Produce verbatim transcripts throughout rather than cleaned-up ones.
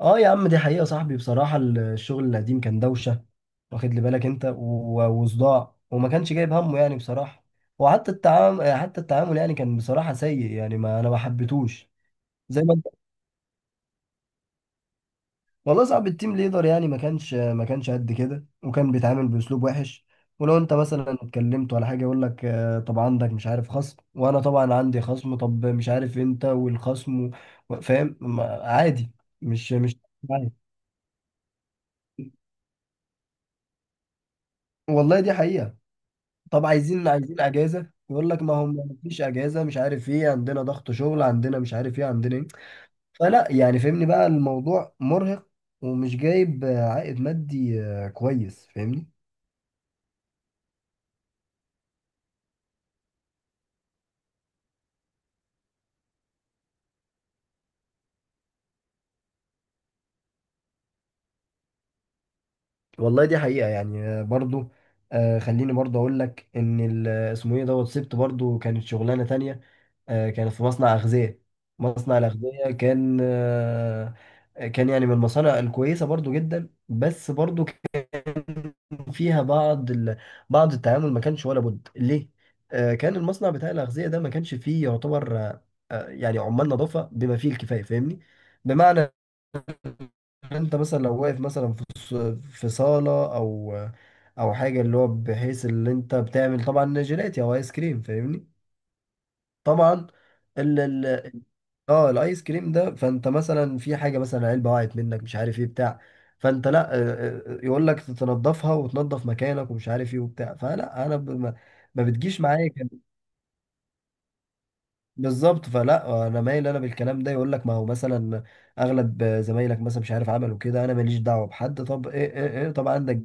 اه يا عم، دي حقيقة صاحبي. بصراحة الشغل القديم كان دوشة واخد لي بالك انت و- وصداع، وما كانش جايب همه يعني بصراحة. وحتى التعامل حتى التعامل يعني كان بصراحة سيء يعني، ما انا ما حبيتهوش زي ما انت. والله صعب التيم ليدر يعني، ما كانش ما كانش قد كده، وكان بيتعامل باسلوب وحش. ولو انت مثلا اتكلمت ولا حاجة يقول لك آه، طب عندك مش عارف خصم، وانا طبعا عندي خصم، طب مش عارف انت والخصم، و- فاهم؟ ما- عادي. مش مش. والله دي حقيقة. طب عايزين عايزين اجازه يقول لك ما هم مفيش اجازه، مش عارف ايه عندنا ضغط شغل، عندنا مش عارف ايه، عندنا ايه. فلا يعني، فهمني بقى، الموضوع مرهق. ومش جايب آه، عائد مادي آه، كويس، فاهمني. والله دي حقيقه يعني آه، برضو. آه، خليني برضو اقول لك ان ال- اسمه ايه، دوت سبت برضو، كانت شغلانه تانية. آه، كانت في مصنع أغذية. مصنع الأغذية كان آه، كان يعني من المصانع الكويسة برضو جدا، بس برضو كان فيها بعض ال... بعض التعامل ما كانش ولا بد ليه؟ آه، كان المصنع بتاع الأغذية ده ما كانش فيه يعتبر آه، آه، يعني عمال نظافة بما فيه الكفاية، فاهمني؟ بمعنى انت مثلا لو واقف مثلا في الص- في صالة او او حاجة، اللي هو بحيث اللي انت بتعمل طبعا جيلاتي او ايس كريم، فاهمني؟ طبعا ال ال اه الايس كريم ده، فانت مثلا في حاجه مثلا علبه وقعت منك، مش عارف ايه بتاع. فانت لا آه، آه، يقول لك تنضفها وتنضف مكانك، ومش عارف ايه وبتاع. فلا انا ب- ما, ما بتجيش معايا. كان- بالظبط. فلا انا مايل انا بالكلام ده، يقول لك ما هو مثلا اغلب زمايلك مثلا مش عارف عملوا كده، انا ماليش دعوه بحد، طب ايه ايه ايه، طب عندك.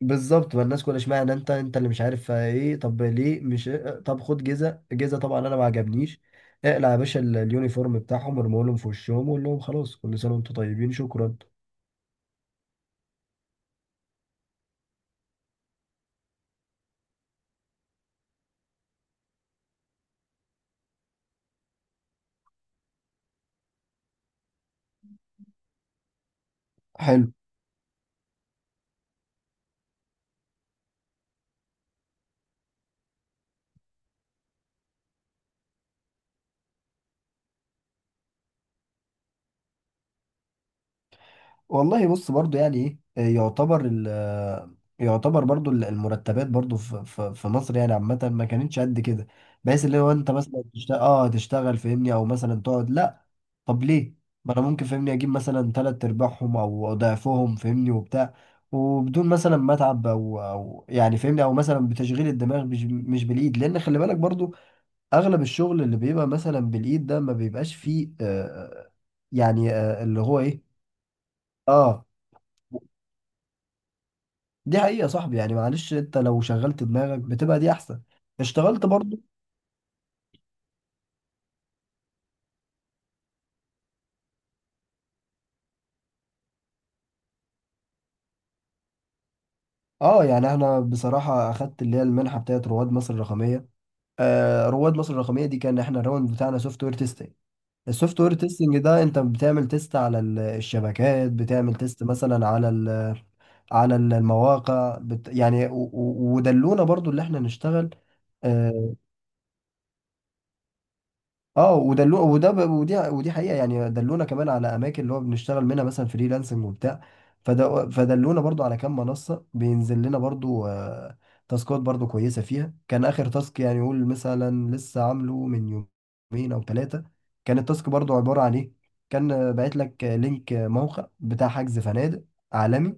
بالظبط، ما الناس كلها، اشمعنى انت انت اللي مش عارف ايه، طب ليه مش؟ طب خد جزء جزء. طبعا انا ما عجبنيش. اقلع يا باشا ال- اليونيفورم بتاعهم، ارموا لهم في وشهم، وقول لهم خلاص كل سنه وانتم طيبين، شكرا. حلو. والله بص برضو يعني ايه آه، يعتبر ال آه، يعتبر برضو ال- المرتبات برضو في في في مصر يعني عامة ما كانتش قد كده، بحيث اللي هو انت مثلا تشتغل اه تشتغل، فاهمني، او مثلا تقعد لا. طب ليه؟ ما انا ممكن، فاهمني، اجيب مثلا تلات ارباعهم او ضعفهم، فاهمني وبتاع، وبدون مثلا ما اتعب او او يعني فاهمني، او مثلا بتشغيل الدماغ مش مش بالايد. لان خلي بالك برضو اغلب الشغل اللي بيبقى مثلا بالايد ده ما بيبقاش فيه آه آه، يعني آه اللي هو ايه. اه، دي حقيقة يا صاحبي يعني، معلش. انت لو شغلت دماغك بتبقى دي احسن، اشتغلت برضو. اه، يعني احنا بصراحة اخدت اللي هي المنحة بتاعت رواد مصر الرقمية. آه، رواد مصر الرقمية دي، كان احنا الراوند بتاعنا سوفت وير تيستنج. السوفت وير تيستنج ده انت بتعمل تيست على ال- الشبكات، بتعمل تيست مثلا على ال، على ال- المواقع، بت يعني و- و- ودلونا برضو اللي احنا نشتغل. آه، اه ودلو وده ب... ودي ودي حقيقة يعني. دلونا كمان على اماكن اللي هو بنشتغل منها مثلا فريلانسنج وبتاع. فد... فدلونا برضو على كام منصة بينزل لنا برضو آه، تاسكات برضو كويسة فيها. كان اخر تاسك يعني، يقول مثلا لسه عامله من يومين او ثلاثة، كان التاسك برضو عبارة عن ايه؟ كان آه، باعت لك آه، لينك آه، موقع بتاع حجز فنادق عالمي.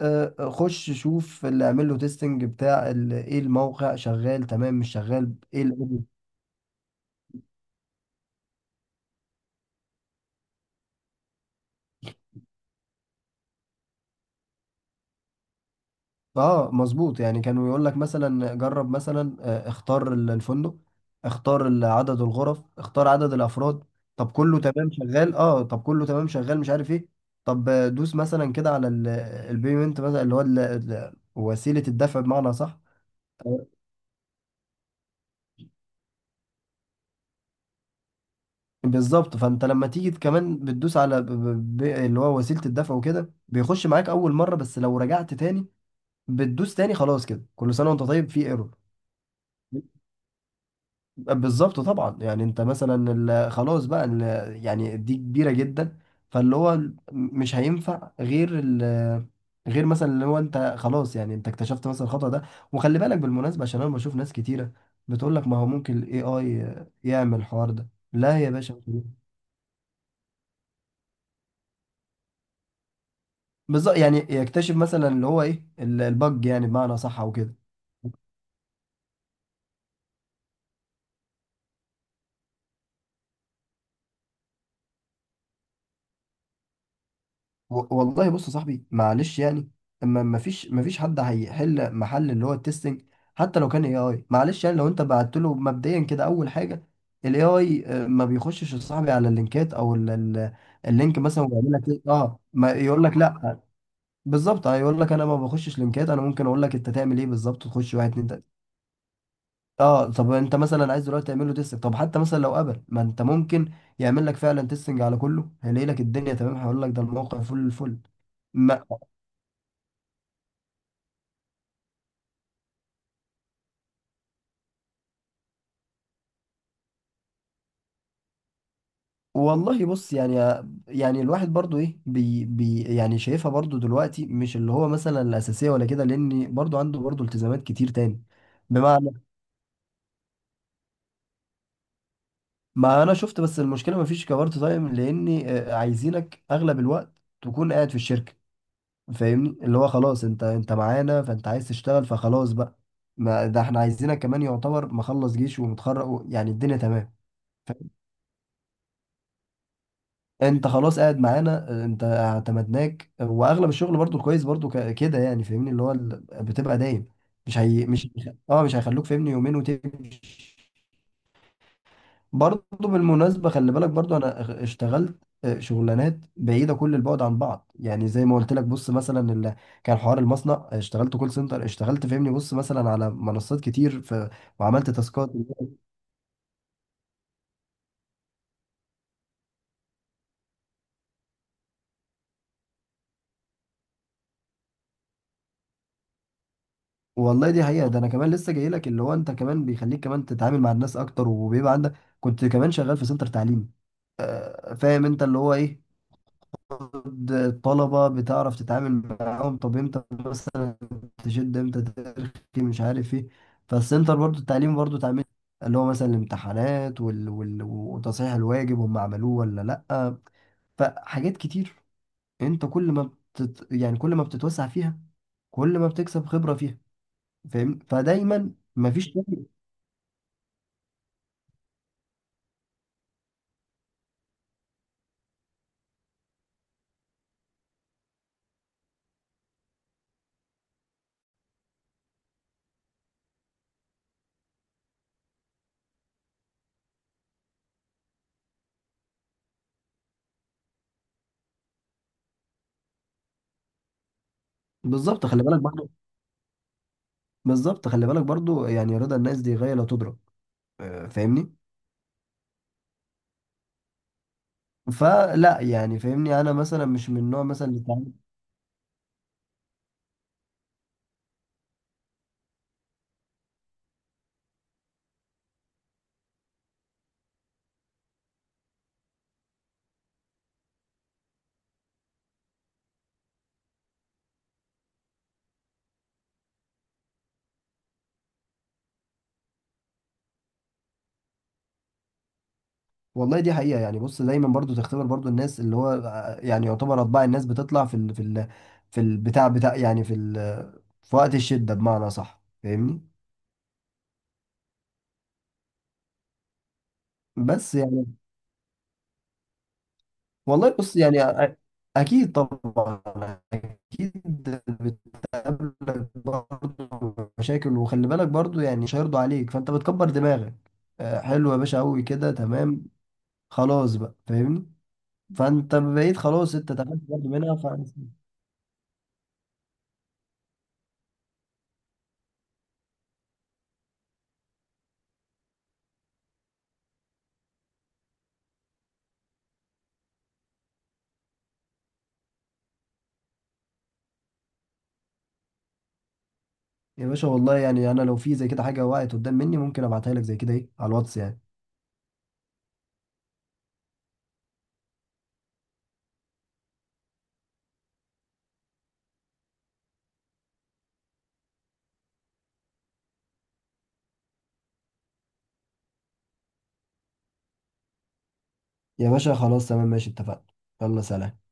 آه، آه، خش شوف اللي اعمل له تيستنج بتاع ال- ايه، الموقع شغال تمام، مش شغال ايه. اه مظبوط، يعني كانوا يقول لك مثلا جرب مثلا آه، اختار ال- الفندق، اختار ال- عدد الغرف، اختار عدد الافراد. طب كله تمام شغال؟ اه. طب كله تمام شغال، مش عارف ايه. طب آه، دوس مثلا كده على ال- البيمنت مثلا، اللي هو ال- ال- وسيلة الدفع، بمعنى صح. بالظبط، فانت لما تيجي كمان بتدوس على ب- ب- ب- اللي هو وسيلة الدفع وكده، بيخش معاك اول مرة، بس لو رجعت تاني بتدوس تاني، خلاص كده، كل سنة وانت طيب في ايرور. بالظبط طبعا. يعني انت مثلا ال- خلاص بقى ال- يعني دي كبيره جدا. فاللي هو ال- مش هينفع غير ال- غير مثلا اللي هو انت خلاص، يعني انت اكتشفت مثلا الخطأ ده. وخلي بالك بالمناسبه، عشان انا بشوف ناس كتيره بتقول لك ما هو ممكن الاي اي يعمل الحوار ده. لا يا باشا. بالظبط يعني يكتشف مثلا اللي هو ايه ال- البج، يعني بمعنى صح او كده. و- والله بص يا صاحبي معلش يعني، اما ما فيش ما فيش حد هيحل محل اللي هو التستنج، حتى لو كان اي اي، معلش يعني. لو انت بعت له مبدئيا كده اول حاجه، الاي اي ما بيخشش يا صاحبي على اللينكات او ال- ال- اللينك مثلا ويعمل لك ايه. اه، ما يقول لك لا. بالظبط، هيقول لك انا ما بخشش لينكات، انا ممكن اقول لك انت تعمل ايه بالظبط، تخش واحد اتنين تلاته. اه، طب انت مثلا عايز دلوقتي تعمل له تيستنج، طب حتى مثلا لو قبل ما انت ممكن يعمل لك فعلا تيستنج على كله، هيلاقي لك الدنيا تمام، هيقول لك ده الموقع فل الفل. والله بص يعني، يعني الواحد برضو ايه، بي بي يعني شايفها برضو دلوقتي مش اللي هو مثلا الأساسية ولا كده، لأن برضو عنده برضو التزامات كتير تاني. بمعنى، ما أنا شفت، بس المشكلة مفيش كبارت تايم، لأن آه، عايزينك أغلب الوقت تكون قاعد في الشركة، فاهمني، اللي هو خلاص أنت أنت معانا، فأنت عايز تشتغل، فخلاص بقى. ما ده احنا عايزينك، كمان يعتبر مخلص جيش ومتخرج و- يعني الدنيا تمام. انت خلاص قاعد معانا آه، انت اعتمدناك آه، واغلب الشغل برضو كويس برضو ك- كده، يعني فاهمني اللي هو ال- بتبقى دايم مش هي مش. اه، مش هيخلوك فاهمني يومين وتمشي. برضو بالمناسبه خلي بالك برضو، انا اغ- اشتغلت آه، شغلانات بعيده كل البعد عن بعض. يعني زي ما قلت لك، بص مثلا اللي كان حوار المصنع، اشتغلت كول سنتر، اشتغلت فاهمني بص مثلا على منصات كتير ف... وعملت تاسكات. والله دي حقيقة، ده انا كمان لسه جاي لك، اللي هو انت كمان بيخليك كمان تتعامل مع الناس اكتر، وبيبقى عندك. كنت كمان شغال في سنتر تعليم، فاهم انت اللي هو ايه، الطلبة بتعرف تتعامل معاهم، طب امتى مثلا تشد، امتى ترخي، مش عارف ايه. فالسنتر برضو التعليم برضو تعمل اللي هو مثلا الامتحانات وال... وال... وتصحيح الواجب، هم عملوه ولا لأ، فحاجات كتير. انت كل ما بتت... يعني كل ما بتتوسع فيها، كل ما بتكسب خبرة فيها، فاهم، فدايما مفيش شغل. بالظبط خلي بالك برضو بالظبط، خلي بالك برضو، يعني رضا الناس دي غاية لا تدرك. آه، فاهمني. فلا يعني فاهمني، انا مثلا مش من النوع مثلا اللي بتاع- والله دي حقيقة يعني، بص دايما برضو تختبر برضو الناس، اللي هو آه، يعني يعتبر اطباع الناس بتطلع في ال في ال في البتاع بتاع، يعني في ال، في وقت الشدة، بمعنى صح، فاهمني. بس يعني، والله بص يعني أ- اكيد طبعا، اكيد، قابلك برضه مشاكل، وخلي بالك برضه يعني مش هيرضوا عليك، فانت بتكبر دماغك، آه، حلو يا باشا قوي كده، تمام، خلاص بقى، فاهمني. فانت بقيت خلاص، انت اتقفلت برضه منها ف... يا باشا والله يعني انا لو في زي كده حاجه وقعت قدام مني ممكن ابعتها لك زي كده، ايه، على الواتس يعني. يا باشا خلاص تمام ماشي، اتفقنا. يلا سلام.